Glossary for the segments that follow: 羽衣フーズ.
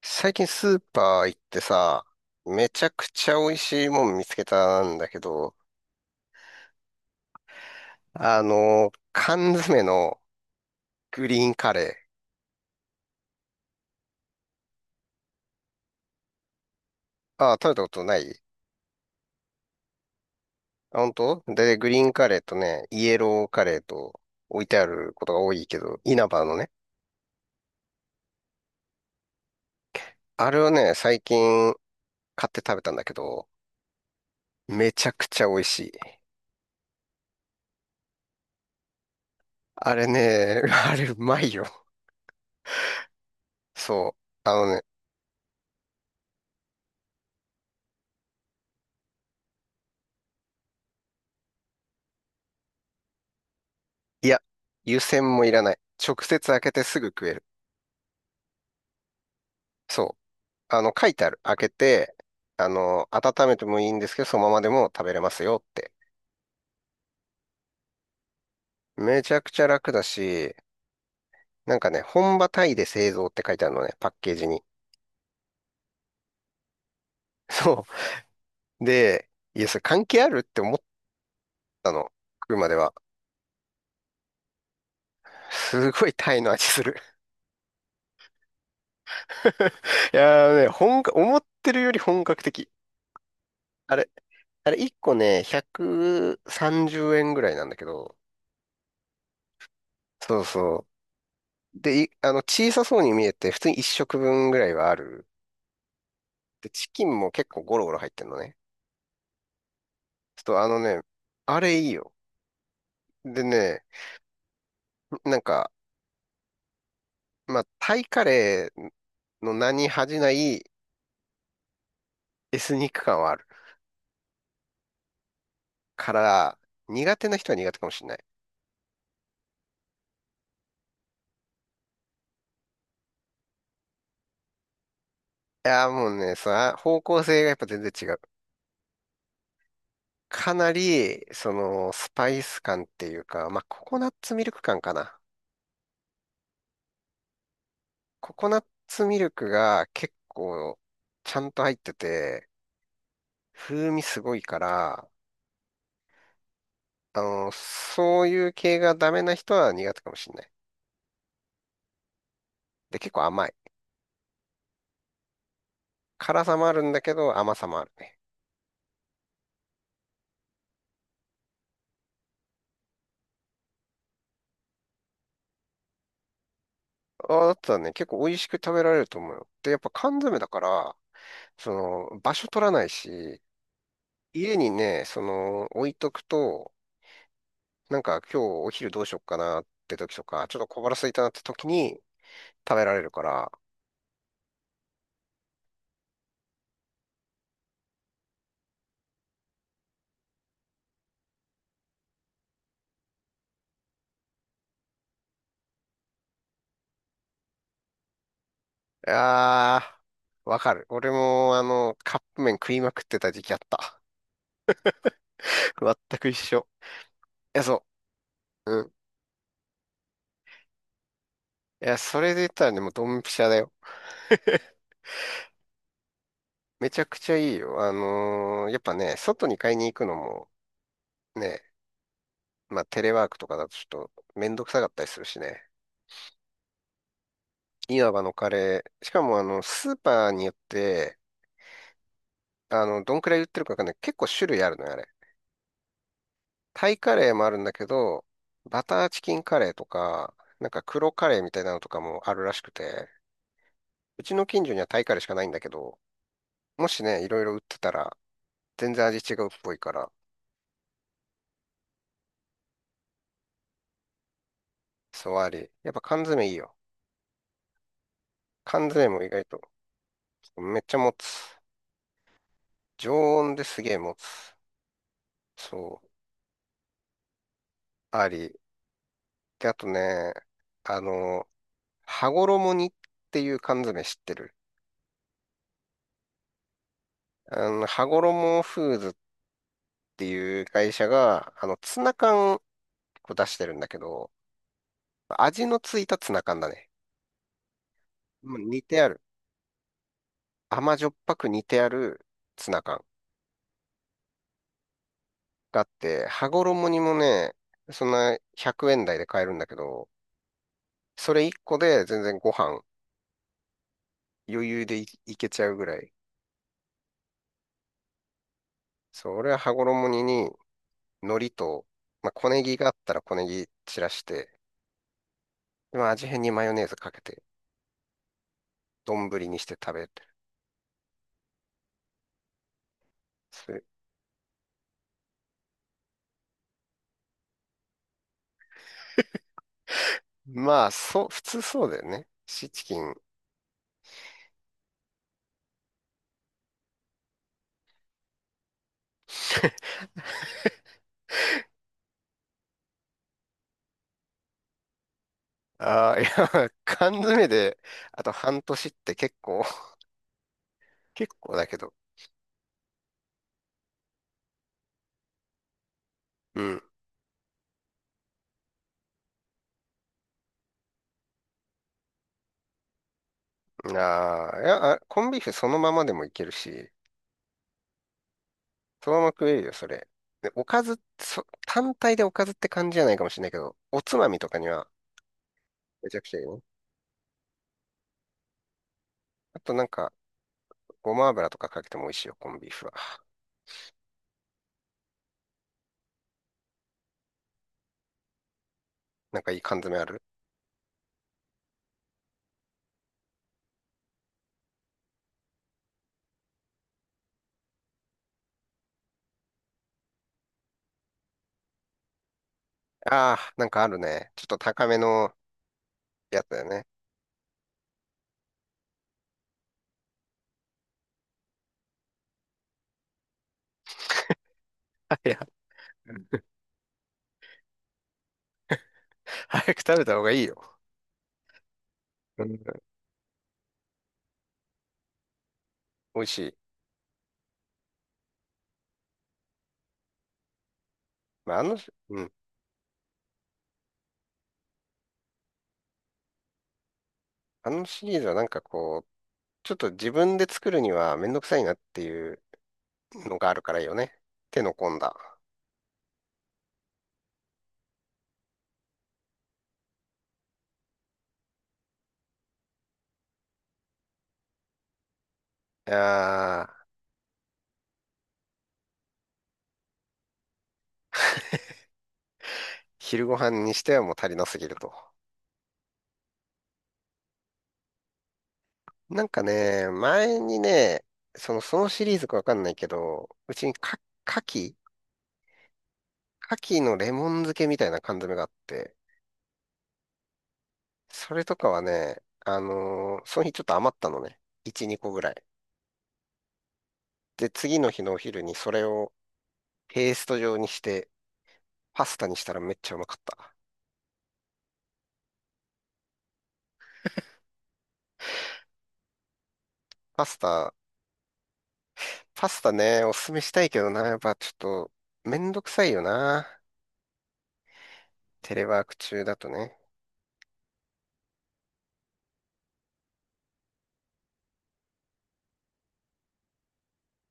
最近スーパー行ってさ、めちゃくちゃ美味しいもん見つけたんだけど、缶詰のグリーンカレー。あ、食べたことない。あ、本当で、グリーンカレーとね、イエローカレーと置いてあることが多いけど、稲葉のね。あれをね、最近買って食べたんだけど、めちゃくちゃ美味しい。あれね、あれうまいよ。そう。あのね、いや、湯煎もいらない。直接開けてすぐ食える。そう。書いてある。開けて、温めてもいいんですけど、そのままでも食べれますよって。めちゃくちゃ楽だし、なんかね、本場タイで製造って書いてあるのね、パッケージに。そう。で、いや、それ関係あるって思ったの。食うまでは。すごいタイの味する。いやーね、思ってるより本格的。あれ、あれ、1個ね、130円ぐらいなんだけど、そうそう。で、いあの、小さそうに見えて、普通に1食分ぐらいはある。で、チキンも結構ゴロゴロ入ってんのね。ちょっとあれいいよ。でね、なんか、まあ、タイカレーの名に恥じないエスニック感はあるから、苦手な人は苦手かもしれない。いやー、もうね、さ、方向性がやっぱ全然違う。かなり、スパイス感っていうか、まあ、ココナッツミルク感かな。ココナッツミルクが結構、ちゃんと入ってて、風味すごいから、そういう系がダメな人は苦手かもしれない。で、結構甘い。辛さもあるんだけど、甘さもあるね。あだったらね、結構美味しく食べられると思うよ。で、やっぱ缶詰だから、そ場所取らないし、家にね、置いとくと、なんか今日お昼どうしよっかなって時とか、ちょっと小腹空いたなって時に食べられるから、あー、わかる。俺もカップ麺食いまくってた時期あった。全く一緒。いや、そう。うん。いや、それで言ったらね、もうドンピシャだよ。めちゃくちゃいいよ。やっぱね、外に買いに行くのもね、まあテレワークとかだとちょっとめんどくさかったりするしね。いわばのカレー。しかもスーパーによって、どんくらい売ってるかわかんない。結構種類あるのよ、あれ。タイカレーもあるんだけど、バターチキンカレーとか、なんか黒カレーみたいなのとかもあるらしくて、うちの近所にはタイカレーしかないんだけど、もしね、いろいろ売ってたら、全然味違うっぽいから、そうあり。やっぱ缶詰いいよ。関税も意外とめっちゃ持つ。常温ですげえ持つ。そう、あり。で、あとね、あの、羽衣にっていう缶詰知ってる？羽衣フーズっていう会社が、ツナ缶を出してるんだけど、味のついたツナ缶だね。まあ似てある。甘じょっぱく似てあるツナ缶があって、羽衣にもね、そんな100円台で買えるんだけど、それ1個で全然ご飯余裕でいけちゃうぐらい。そう、俺は羽衣に、海苔と、まあ、小ネギがあったら小ネギ散らして、でまあ、味変にマヨネーズかけて、丼にして食べる。それまあ、そう、普通そうだよね。シーチキン。ああ、いや、缶詰で、あと半年って結構だけど。うん。ああ、いや、コンビーフそのままでもいけるし、そのまま食えるよ、それ。で、おかず、単体でおかずって感じじゃないかもしれないけど、おつまみとかにはめちゃくちゃいいね。あとなんか、ごま油とかかけても美味しいよ、コンビーフは。なんかいい缶詰ある？ああー、なんかあるね。ちょっと高めのやつだよね。いや、早く食べた方がいいよ。うん。美味しい？まあ、うん。あのシリーズはなんかこう、ちょっと自分で作るにはめんどくさいなっていうのがあるからいいよね。手の込んだ。いやー、昼ご飯にしてはもう足りなすぎると。なんかね、前にね、そのシリーズかわかんないけど、うちにか、牡蠣牡蠣のレモン漬けみたいな缶詰があって、それとかはね、その日ちょっと余ったのね。1、2個ぐらい。で、次の日のお昼にそれをペースト状にして、パスタにしたらめっちゃうまかった。パスタ、パスタね、おすすめしたいけどな、やっぱちょっと、めんどくさいよな。テレワーク中だとね。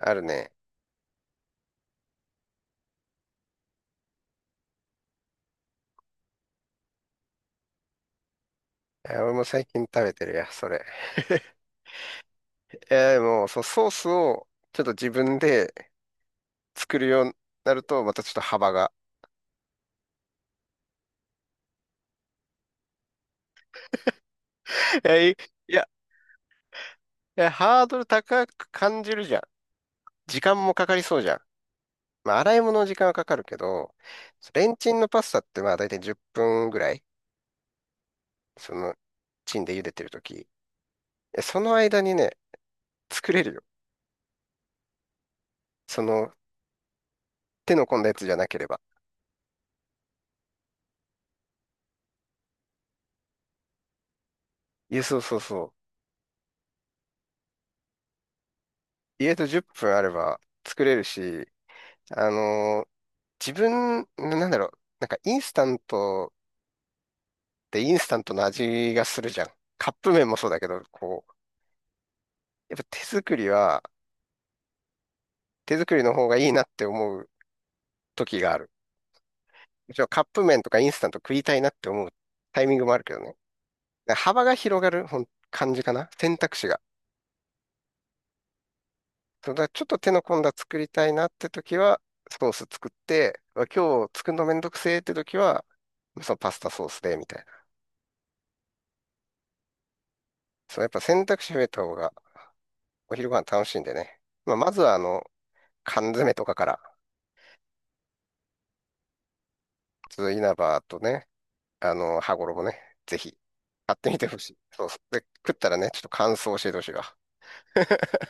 あるね。いや俺も最近食べてるや、それ。いや、でも、そう、ソースをちょっと自分で作るようになると、またちょっと幅が。いやいいや、ハードル高く感じるじゃん。時間もかかりそうじゃん。まあ、洗い物の時間はかかるけど、レンチンのパスタってまあ、だいたい10分ぐらい、その、チンで茹でてるとき。その間にね、作れるよ。その、手の込んだやつじゃなければ。いや、そうそうそう。家と10分あれば作れるし、あのーなんだろう、なんかインスタントってインスタントの味がするじゃん。カップ麺もそうだけど、こう、やっぱ手作りの方がいいなって思う時がある。もちろんカップ麺とかインスタント食いたいなって思うタイミングもあるけどね。幅が広がるほん感じかな。選択肢が。そうだからちょっと手の込んだ作りたいなって時は、ソース作って、うわ今日作るのめんどくせえって時は、そのパスタソースで、みたいな。そう、やっぱ選択肢増えた方がお昼ご飯楽しいんでね。まあ、まずは缶詰とかから、ちょっと稲葉とね、羽衣ね、ぜひ買ってみてほしい。そうそう。で、食ったらね、ちょっと感想教えてほしいわ。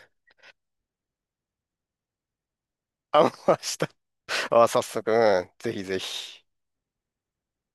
あんました。あ、早速、うん、ぜひぜひ。